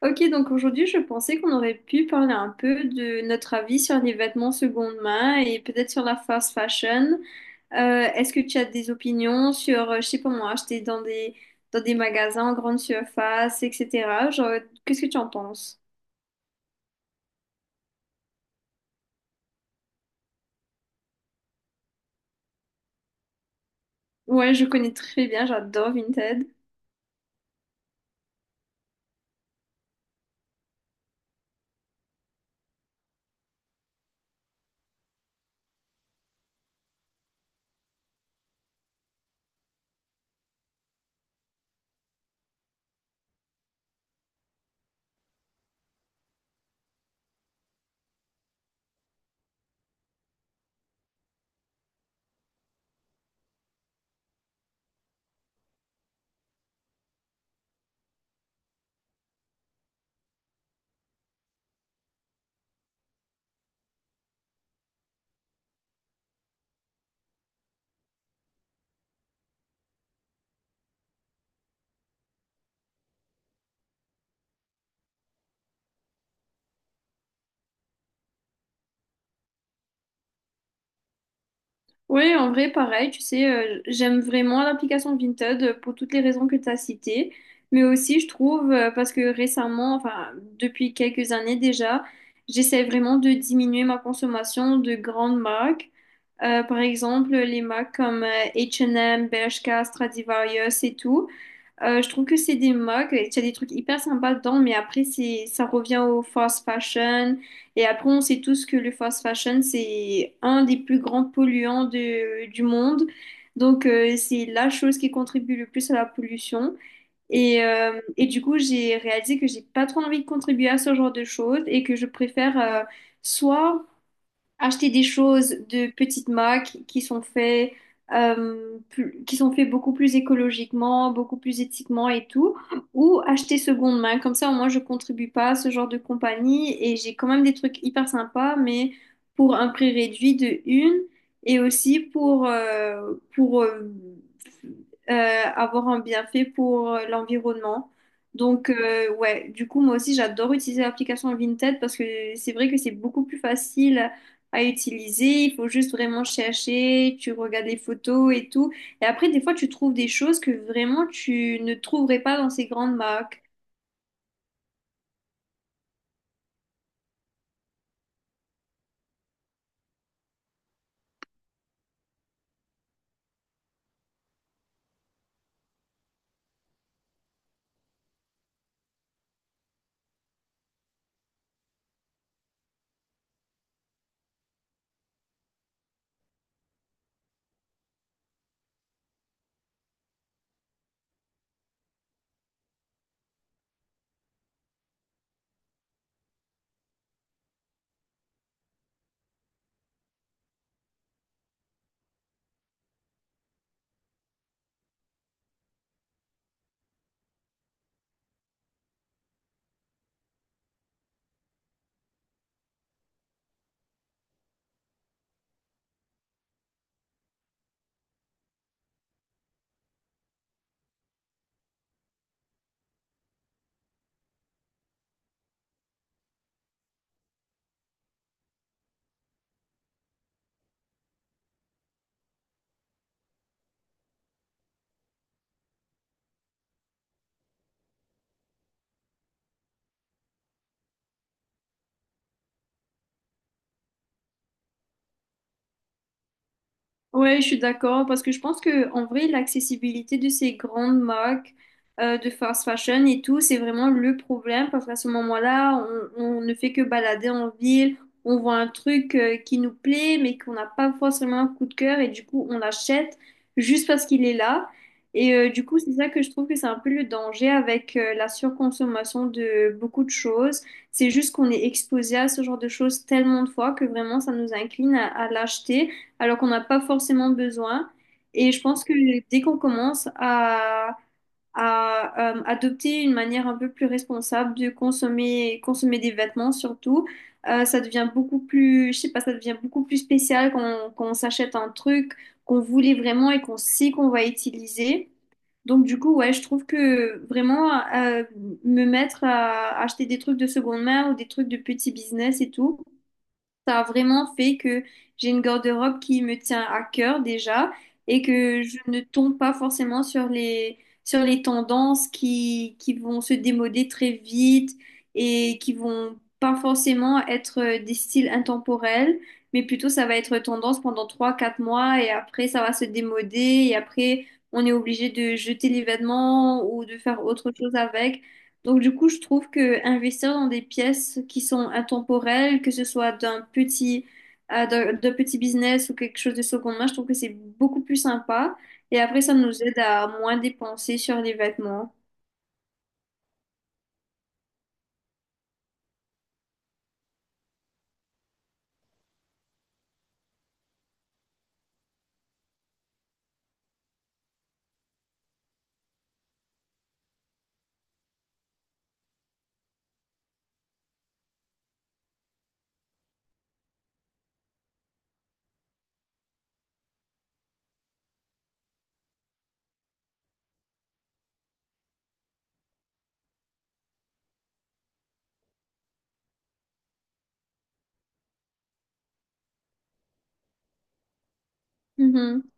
Ok, donc aujourd'hui, je pensais qu'on aurait pu parler un peu de notre avis sur les vêtements seconde main et peut-être sur la fast fashion. Est-ce que tu as des opinions sur, je sais pas moi, acheter dans dans des magasins en grande surface, etc. Genre, qu'est-ce que tu en penses? Ouais, je connais très bien, j'adore Vinted. Oui, en vrai, pareil, tu sais, j'aime vraiment l'application Vinted pour toutes les raisons que tu as citées, mais aussi je trouve, parce que récemment, enfin depuis quelques années déjà, j'essaie vraiment de diminuer ma consommation de grandes marques. Par exemple les marques comme H&M, Bershka, Stradivarius et tout, je trouve que c'est des modes. Il y a des trucs hyper sympas dedans, mais après, ça revient au fast fashion. Et après, on sait tous que le fast fashion, c'est un des plus grands polluants du monde. Donc, c'est la chose qui contribue le plus à la pollution. Et du coup, j'ai réalisé que j'ai pas trop envie de contribuer à ce genre de choses et que je préfère, soit acheter des choses de petites marques qui sont faites, qui sont faits beaucoup plus écologiquement, beaucoup plus éthiquement et tout, ou acheter seconde main. Comme ça, au moins, je contribue pas à ce genre de compagnie et j'ai quand même des trucs hyper sympas, mais pour un prix réduit de une, et aussi pour, avoir un bienfait pour, l'environnement. Donc, ouais, du coup, moi aussi, j'adore utiliser l'application Vinted parce que c'est vrai que c'est beaucoup plus facile à utiliser. Il faut juste vraiment chercher, tu regardes les photos et tout. Et après, des fois, tu trouves des choses que vraiment tu ne trouverais pas dans ces grandes marques. Ouais, je suis d'accord parce que je pense que en vrai, l'accessibilité de ces grandes marques, de fast fashion et tout, c'est vraiment le problème parce qu'à ce moment-là, on ne fait que balader en ville, on voit un truc, qui nous plaît mais qu'on n'a pas forcément un coup de cœur et du coup, on l'achète juste parce qu'il est là. Et du coup, c'est ça que je trouve que c'est un peu le danger avec, la surconsommation de beaucoup de choses. C'est juste qu'on est exposé à ce genre de choses tellement de fois que vraiment, ça nous incline à l'acheter alors qu'on n'a pas forcément besoin. Et je pense que dès qu'on commence à adopter une manière un peu plus responsable de consommer, consommer des vêtements surtout, ça devient beaucoup plus, je sais pas, ça devient beaucoup plus spécial quand quand on s'achète un truc qu'on voulait vraiment et qu'on sait qu'on va utiliser. Donc du coup, ouais, je trouve que vraiment, me mettre à acheter des trucs de seconde main ou des trucs de petit business et tout. Ça a vraiment fait que j'ai une garde-robe qui me tient à cœur déjà et que je ne tombe pas forcément sur sur les tendances qui vont se démoder très vite et qui vont pas forcément être, des styles intemporels, mais plutôt ça va être tendance pendant trois quatre mois et après ça va se démoder et après on est obligé de jeter les vêtements ou de faire autre chose avec. Donc du coup, je trouve que investir dans des pièces qui sont intemporelles, que ce soit d'un petit, d'un petit business ou quelque chose de seconde main, je trouve que c'est beaucoup plus sympa. Et après, ça nous aide à moins dépenser sur les vêtements. Mhm.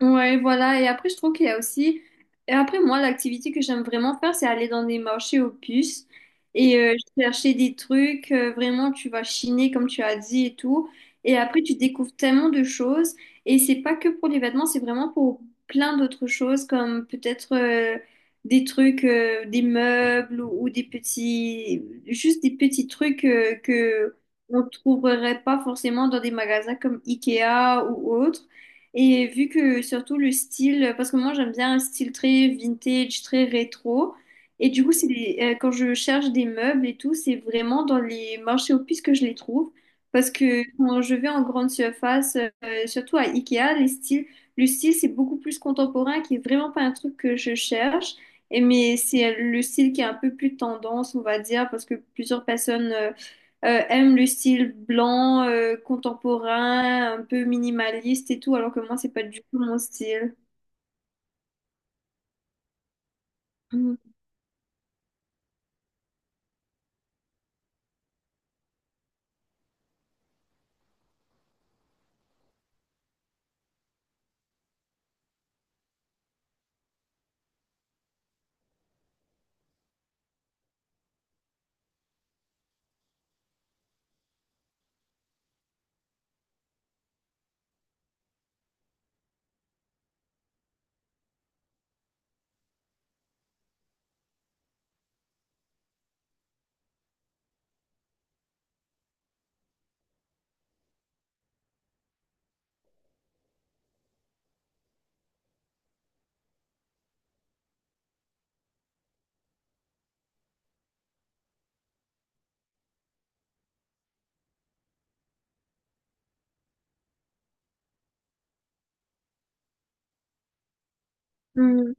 Ouais, voilà. Et après, je trouve qu'il y a aussi. Et après, moi, l'activité que j'aime vraiment faire, c'est aller dans des marchés aux puces et, chercher des trucs. Vraiment, tu vas chiner, comme tu as dit et tout. Et après, tu découvres tellement de choses. Et c'est pas que pour les vêtements, c'est vraiment pour plein d'autres choses, comme peut-être, des trucs, des meubles ou des petits. Juste des petits trucs, que on trouverait pas forcément dans des magasins comme Ikea ou autre. Et vu que surtout le style, parce que moi j'aime bien un style très vintage, très rétro. Et du coup, quand je cherche des meubles et tout, c'est vraiment dans les marchés aux puces que je les trouve. Parce que quand je vais en grande surface, surtout à Ikea, le style c'est beaucoup plus contemporain, qui est vraiment pas un truc que je cherche. Et mais c'est le style qui est un peu plus tendance, on va dire, parce que plusieurs personnes aiment le style blanc, contemporain, un peu minimaliste et tout, alors que moi, c'est pas du tout mon style. Mhm. Mhm.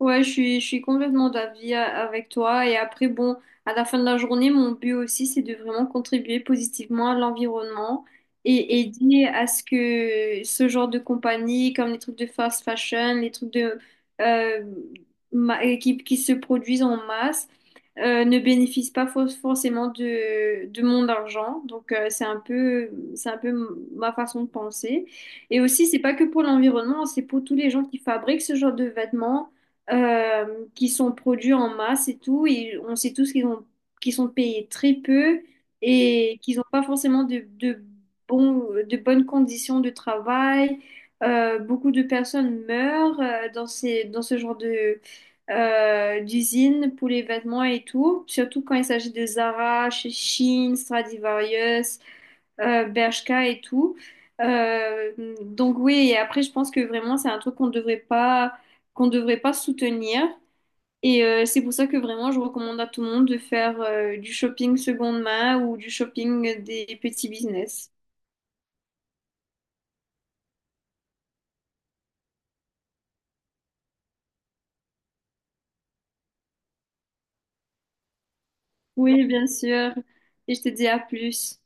Ouais, je suis complètement d'avis avec toi. Et après, bon, à la fin de la journée, mon but aussi, c'est de vraiment contribuer positivement à l'environnement et aider à ce que ce genre de compagnie, comme les trucs de fast fashion, les trucs de, euh, qui se produisent en masse, ne bénéficient pas forcément de mon argent. Donc, c'est un peu ma façon de penser. Et aussi, c'est pas que pour l'environnement, c'est pour tous les gens qui fabriquent ce genre de vêtements, euh, qui sont produits en masse et tout. Et on sait tous qu'ils sont payés très peu et qu'ils n'ont pas forcément de bonnes conditions de travail. Beaucoup de personnes meurent, dans dans ce genre de, d'usines pour les vêtements et tout, surtout quand il s'agit de Zara, Shein, Stradivarius, Bershka et tout. Euh, donc oui, et après je pense que vraiment c'est un truc qu'on devrait pas soutenir. Et c'est pour ça que vraiment je recommande à tout le monde de faire, du shopping seconde main ou du shopping des petits business. Oui, bien sûr. Et je te dis à plus.